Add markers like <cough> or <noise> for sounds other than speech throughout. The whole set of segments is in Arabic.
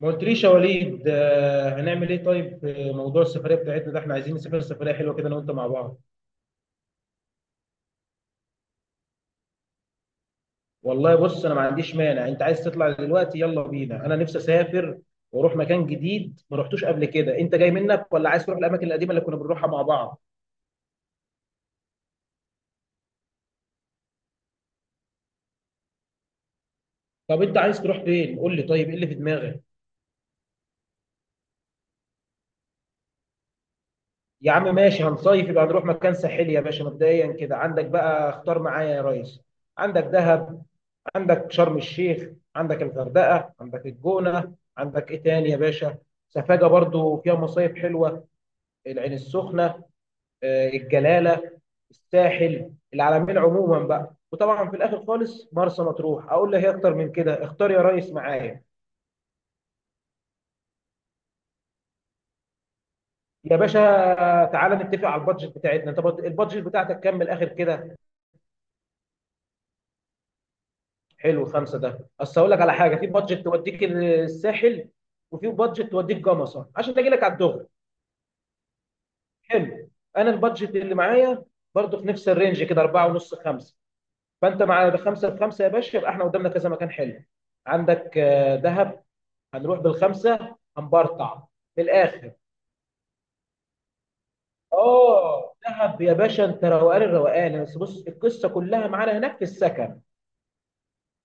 ما قلتليش يا وليد، هنعمل ايه؟ طيب في موضوع السفريه بتاعتنا ده، احنا عايزين نسافر سفريه حلوه كده انا وانت مع بعض. والله بص، انا ما عنديش مانع، انت عايز تطلع دلوقتي يلا بينا، انا نفسي اسافر واروح مكان جديد ما رحتوش قبل كده. انت جاي منك، ولا عايز تروح الاماكن القديمه اللي كنا بنروحها مع بعض؟ طب انت عايز تروح فين؟ قول لي، طيب ايه اللي في دماغك؟ يا عم ماشي، هنصيف، يبقى هنروح مكان ساحلي يا باشا. مبدئيا كده عندك بقى، اختار معايا يا ريس. عندك دهب، عندك شرم الشيخ، عندك الغردقه، عندك الجونه، عندك ايه تاني يا باشا؟ سفاجه برضو فيها مصايف حلوه، العين السخنه، الجلاله، الساحل، العلمين، عموما بقى وطبعا في الاخر خالص مرسى مطروح. اقول له هي اكتر من كده، اختار يا ريس معايا. يا باشا تعالى نتفق على البادجت بتاعتنا، انت البادجت بتاعتك كام من الاخر كده؟ حلو، خمسه ده اصل اقول لك على حاجه، في بادجت توديك الساحل وفي بادجت توديك جمصه عشان اجي لك على الدغ. حلو. انا البادجت اللي معايا برضو في نفس الرينج كده، 4 ونص 5. فانت مع بخمسه بخمسه يا باشا، يبقى احنا قدامنا كذا مكان حلو. عندك دهب، هنروح بالخمسه هنبرطع من الاخر. اه دهب يا باشا، انت روقان الروقان. بس بص، القصه كلها معانا هناك في السكن.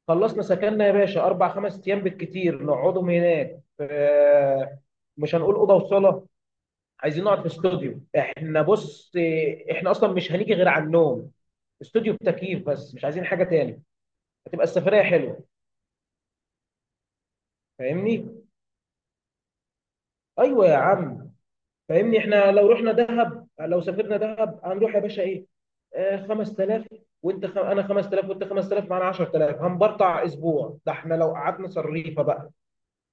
خلصنا سكننا يا باشا، اربع خمس ايام بالكتير نقعدهم هناك. مش هنقول اوضه وصاله، عايزين نقعد في استوديو. احنا بص، احنا اصلا مش هنيجي غير على النوم، استوديو تكييف بس، مش عايزين حاجه تاني. هتبقى السفريه حلوه، فاهمني؟ ايوه يا عم، فاهمني. احنا لو رحنا دهب، لو سافرنا دهب هنروح يا باشا ايه؟ آه 5000، انا 5000 وانت 5000، معانا 10000 هنبرطع اسبوع. ده احنا لو قعدنا صريفه بقى.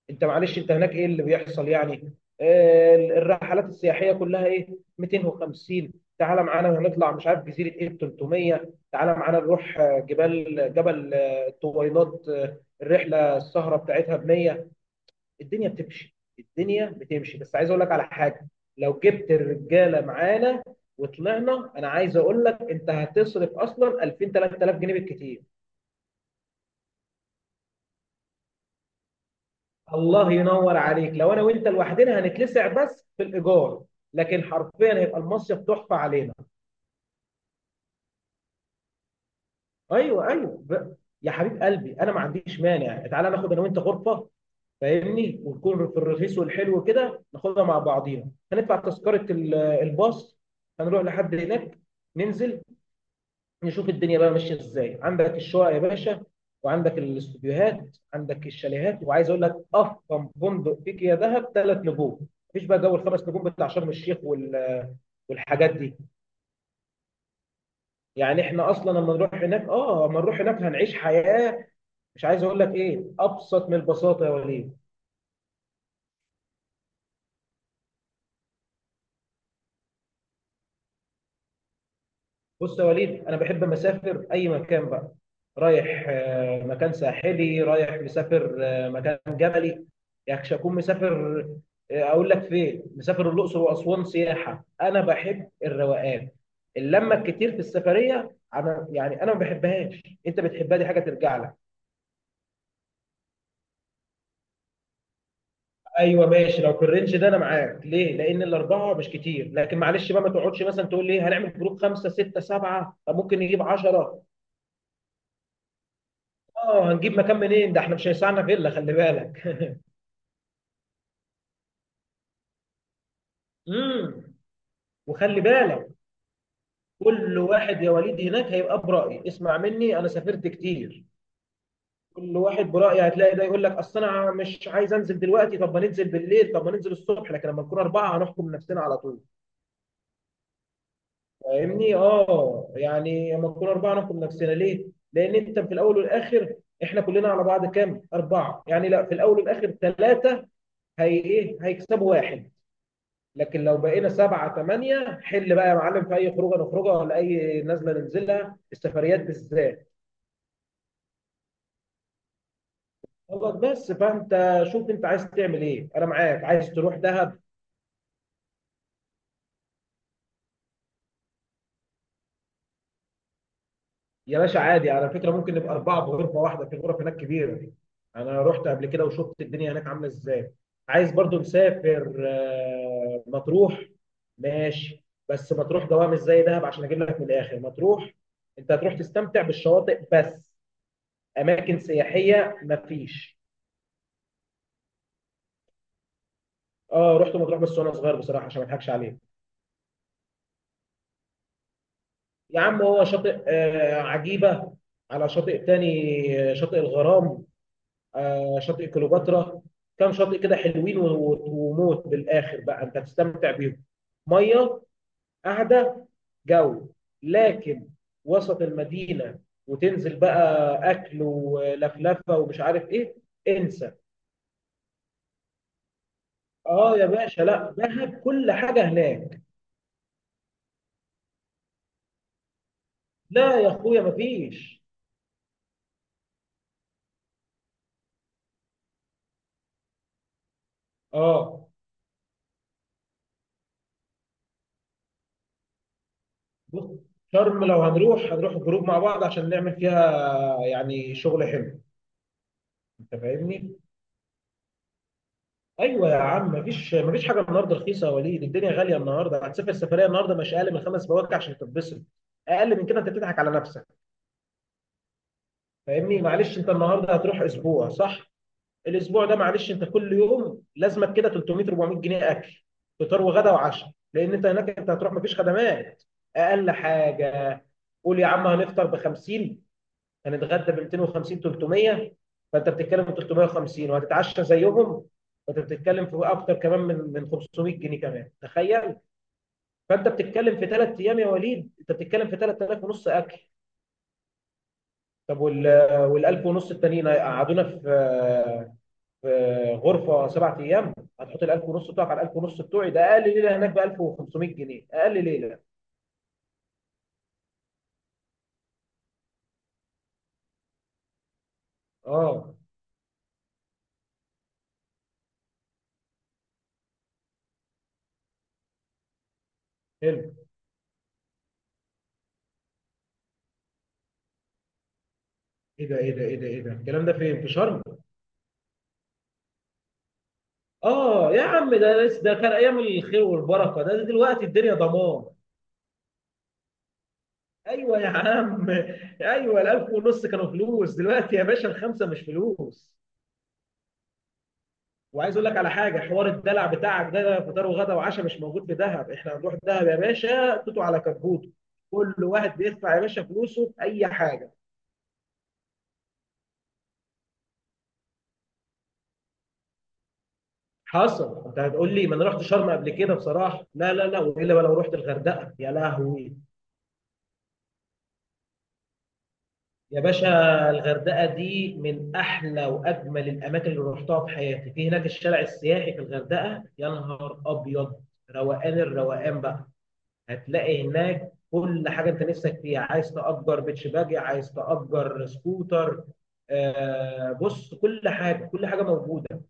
انت معلش، انت هناك ايه اللي بيحصل يعني؟ الرحلات السياحيه كلها ايه؟ 250. تعالى معانا هنطلع مش عارف جزيره ايه، 300. تعالى معانا نروح جبال، جبل الطويلات، الرحله السهره بتاعتها ب 100. الدنيا بتمشي، الدنيا بتمشي. بس عايز اقول لك على حاجه، لو جبت الرجاله معانا وطلعنا، انا عايز اقول لك انت هتصرف اصلا 2000 3000 جنيه بالكتير. الله ينور عليك، لو انا وانت لوحدنا هنتلسع بس في الايجار، لكن حرفيا هيبقى المصيف تحفه علينا. ايوه ايوه يا حبيب قلبي انا ما عنديش مانع، تعالى ناخد انا وانت غرفه، فاهمني؟ ونكون في الرخيص والحلو كده، ناخدها مع بعضينا. هندفع تذكره الباص، هنروح لحد هناك، ننزل، نشوف الدنيا بقى ماشيه ازاي. عندك الشقق يا باشا، وعندك الاستوديوهات، عندك الشاليهات. وعايز اقول لك افخم فندق فيك يا دهب ثلاث نجوم، مفيش بقى جو الخمس نجوم بتاع شرم الشيخ والحاجات دي. يعني احنا اصلا لما نروح هناك، اه لما نروح هناك هنعيش حياه، مش عايز اقول لك ايه، ابسط من البساطه يا وليد. بص يا وليد، انا بحب مسافر اي مكان بقى، رايح مكان ساحلي، رايح مسافر مكان جبلي، يعني مش هكون مسافر اقول لك فين، مسافر الاقصر واسوان سياحه. انا بحب الروقان، اللمه الكتير في السفريه انا يعني انا ما بحبهاش. انت بتحبها، دي حاجه ترجع لك. ايوه ماشي، لو في الرينج ده انا معاك ليه؟ لان الاربعه مش كتير. لكن معلش بقى، ما تقعدش مثلا تقول لي إيه، هنعمل جروب خمسه سته سبعه، طب ممكن نجيب 10. اه هنجيب مكان منين؟ ده احنا مش هيسعنا فيلا، خلي بالك. <laughs> امم وخلي بالك، كل واحد يا وليد هناك هيبقى برأي. اسمع مني، انا سافرت كتير. كل واحد برأي، هتلاقي ده يقول لك اصل انا مش عايز انزل دلوقتي، طب ما ننزل بالليل، طب ما ننزل الصبح. لكن لما نكون اربعه هنحكم نفسنا على طول. فاهمني؟ اه يعني لما نكون اربعه نحكم نفسنا ليه؟ لان انت في الاول والاخر، احنا كلنا على بعض كام؟ اربعه، يعني لا، في الاول والاخر ثلاثه. هي ايه؟ هيكسبوا واحد. لكن لو بقينا سبعة ثمانية، حل بقى يا معلم في أي خروجة نخرجها ولا أي نزلة ننزلها، السفريات بالذات. خلاص بس، فأنت شوف أنت عايز تعمل إيه، أنا معاك. عايز تروح دهب، يا باشا عادي. على فكرة ممكن نبقى أربعة بغرفة واحدة، في الغرف هناك كبيرة دي. أنا رحت قبل كده وشفت الدنيا هناك عاملة إزاي. عايز برضو نسافر مطروح، ماشي، بس مطروح جواها مش زي دهب. عشان أجيب لك من الآخر، مطروح أنت هتروح تستمتع بالشواطئ بس، أماكن سياحية مفيش. اه رحت مطروح بس وانا صغير بصراحه، عشان ما اضحكش عليك. يا عم هو شاطئ آه عجيبه، على شاطئ تاني، شاطئ الغرام، آه شاطئ كليوباترا، كام شاطئ كده حلوين وموت بالاخر بقى انت هتستمتع بيهم. ميه، قاعده، جو، لكن وسط المدينه وتنزل بقى اكل ولفلفه ومش عارف ايه، انسى. اه يا باشا، لا دهب كل حاجه هناك. لا يا اخويا مفيش. اه بص، شرم لو هنروح، هنروح جروب مع بعض عشان نعمل فيها يعني شغل حلو، انت فاهمني. ايوه يا عم، مفيش مفيش حاجه النهارده رخيصه يا وليد، الدنيا غاليه النهارده. هتسافر سفريه النهارده، مش اقل من خمس بواكع عشان تتبسط. اقل من كده انت بتضحك على نفسك. فاهمني؟ معلش انت النهارده هتروح اسبوع صح؟ الاسبوع ده معلش، انت كل يوم لازمك كده 300 400 جنيه اكل، فطار وغدا وعشاء، لان انت هناك انت هتروح مفيش خدمات. اقل حاجه. قول يا عم، هنفطر ب 50، هنتغدى ب 250 300، فانت بتتكلم في 350. وهتتعشى زيهم، فانت بتتكلم في اكتر كمان من 500 جنيه كمان، تخيل. فانت بتتكلم في ثلاث ايام يا وليد، انت بتتكلم في 3000 ونص اكل. طب وال 1000 ونص التانيين هيقعدونا في في غرفه سبع ايام. هتحط ال 1000 ونص بتوعك على ال 1000 ونص بتوعي، ده اقل ليله هناك ب 1500 جنيه، اقل ليله. اه حلو. ايه ده ايه ده ايه ده ايه ده الكلام ده، فين في شرم؟ اه يا عم ده لسه، ده, كان ايام الخير والبركه، ده دلوقتي الدنيا ضمان. ايوه يا عم، ايوه الالف ونص كانوا فلوس، دلوقتي يا باشا الخمسه مش فلوس. وعايز اقول لك على حاجه، حوار الدلع بتاعك ده، ده فطار وغدا وعشاء مش موجود في دهب. احنا هنروح دهب يا باشا توتو على كبوته، كل واحد بيدفع يا باشا فلوسه في اي حاجه. حصل. انت هتقول لي ما انا رحت شرم قبل كده، بصراحه لا لا لا، والا ما لو رحت الغردقه يا لهوي. يا باشا الغردقة دي من أحلى وأجمل الأماكن اللي رحتها في حياتي، في هناك الشارع السياحي في الغردقة يا نهار أبيض، روقان الروقان بقى. هتلاقي هناك كل حاجة أنت نفسك فيها، عايز تأجر بيتش باجي، عايز تأجر سكوتر، آه بص كل حاجة، كل حاجة موجودة.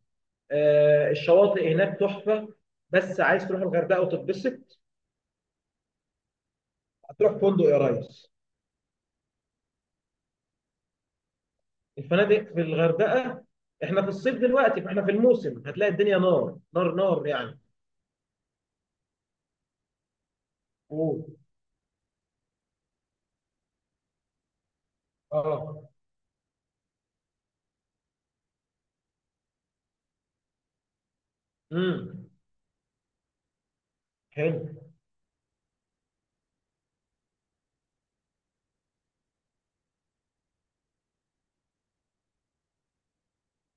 آه الشواطئ هناك تحفة. بس عايز تروح الغردقة وتتبسط، هتروح فندق يا ريس. الفنادق في الغردقه، احنا في الصيف دلوقتي فاحنا في الموسم، هتلاقي الدنيا نار نار نار يعني. اوه اه. امم حلو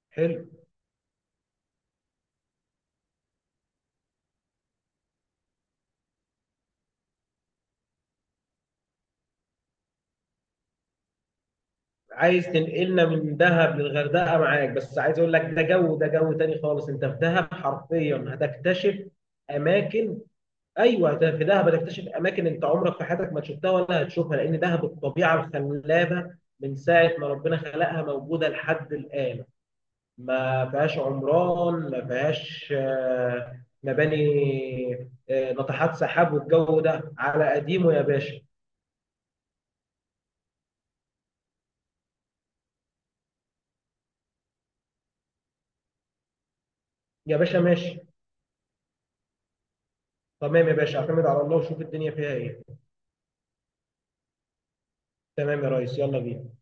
حلو. عايز تنقلنا من دهب للغردقه، معاك. بس عايز اقول لك، ده جو، ده جو تاني خالص. انت في دهب حرفيا هتكتشف اماكن. ايوه ده في دهب هتكتشف اماكن انت عمرك في حياتك ما شفتها ولا هتشوفها، لان دهب الطبيعه الخلابه من ساعه ما ربنا خلقها موجوده لحد الان، ما فيهاش عمران، ما فيهاش مباني ناطحات سحاب، والجو ده على قديمه يا باشا. يا باشا ماشي. تمام يا باشا، اعتمد على الله وشوف الدنيا فيها ايه. تمام يا ريس، يلا بينا.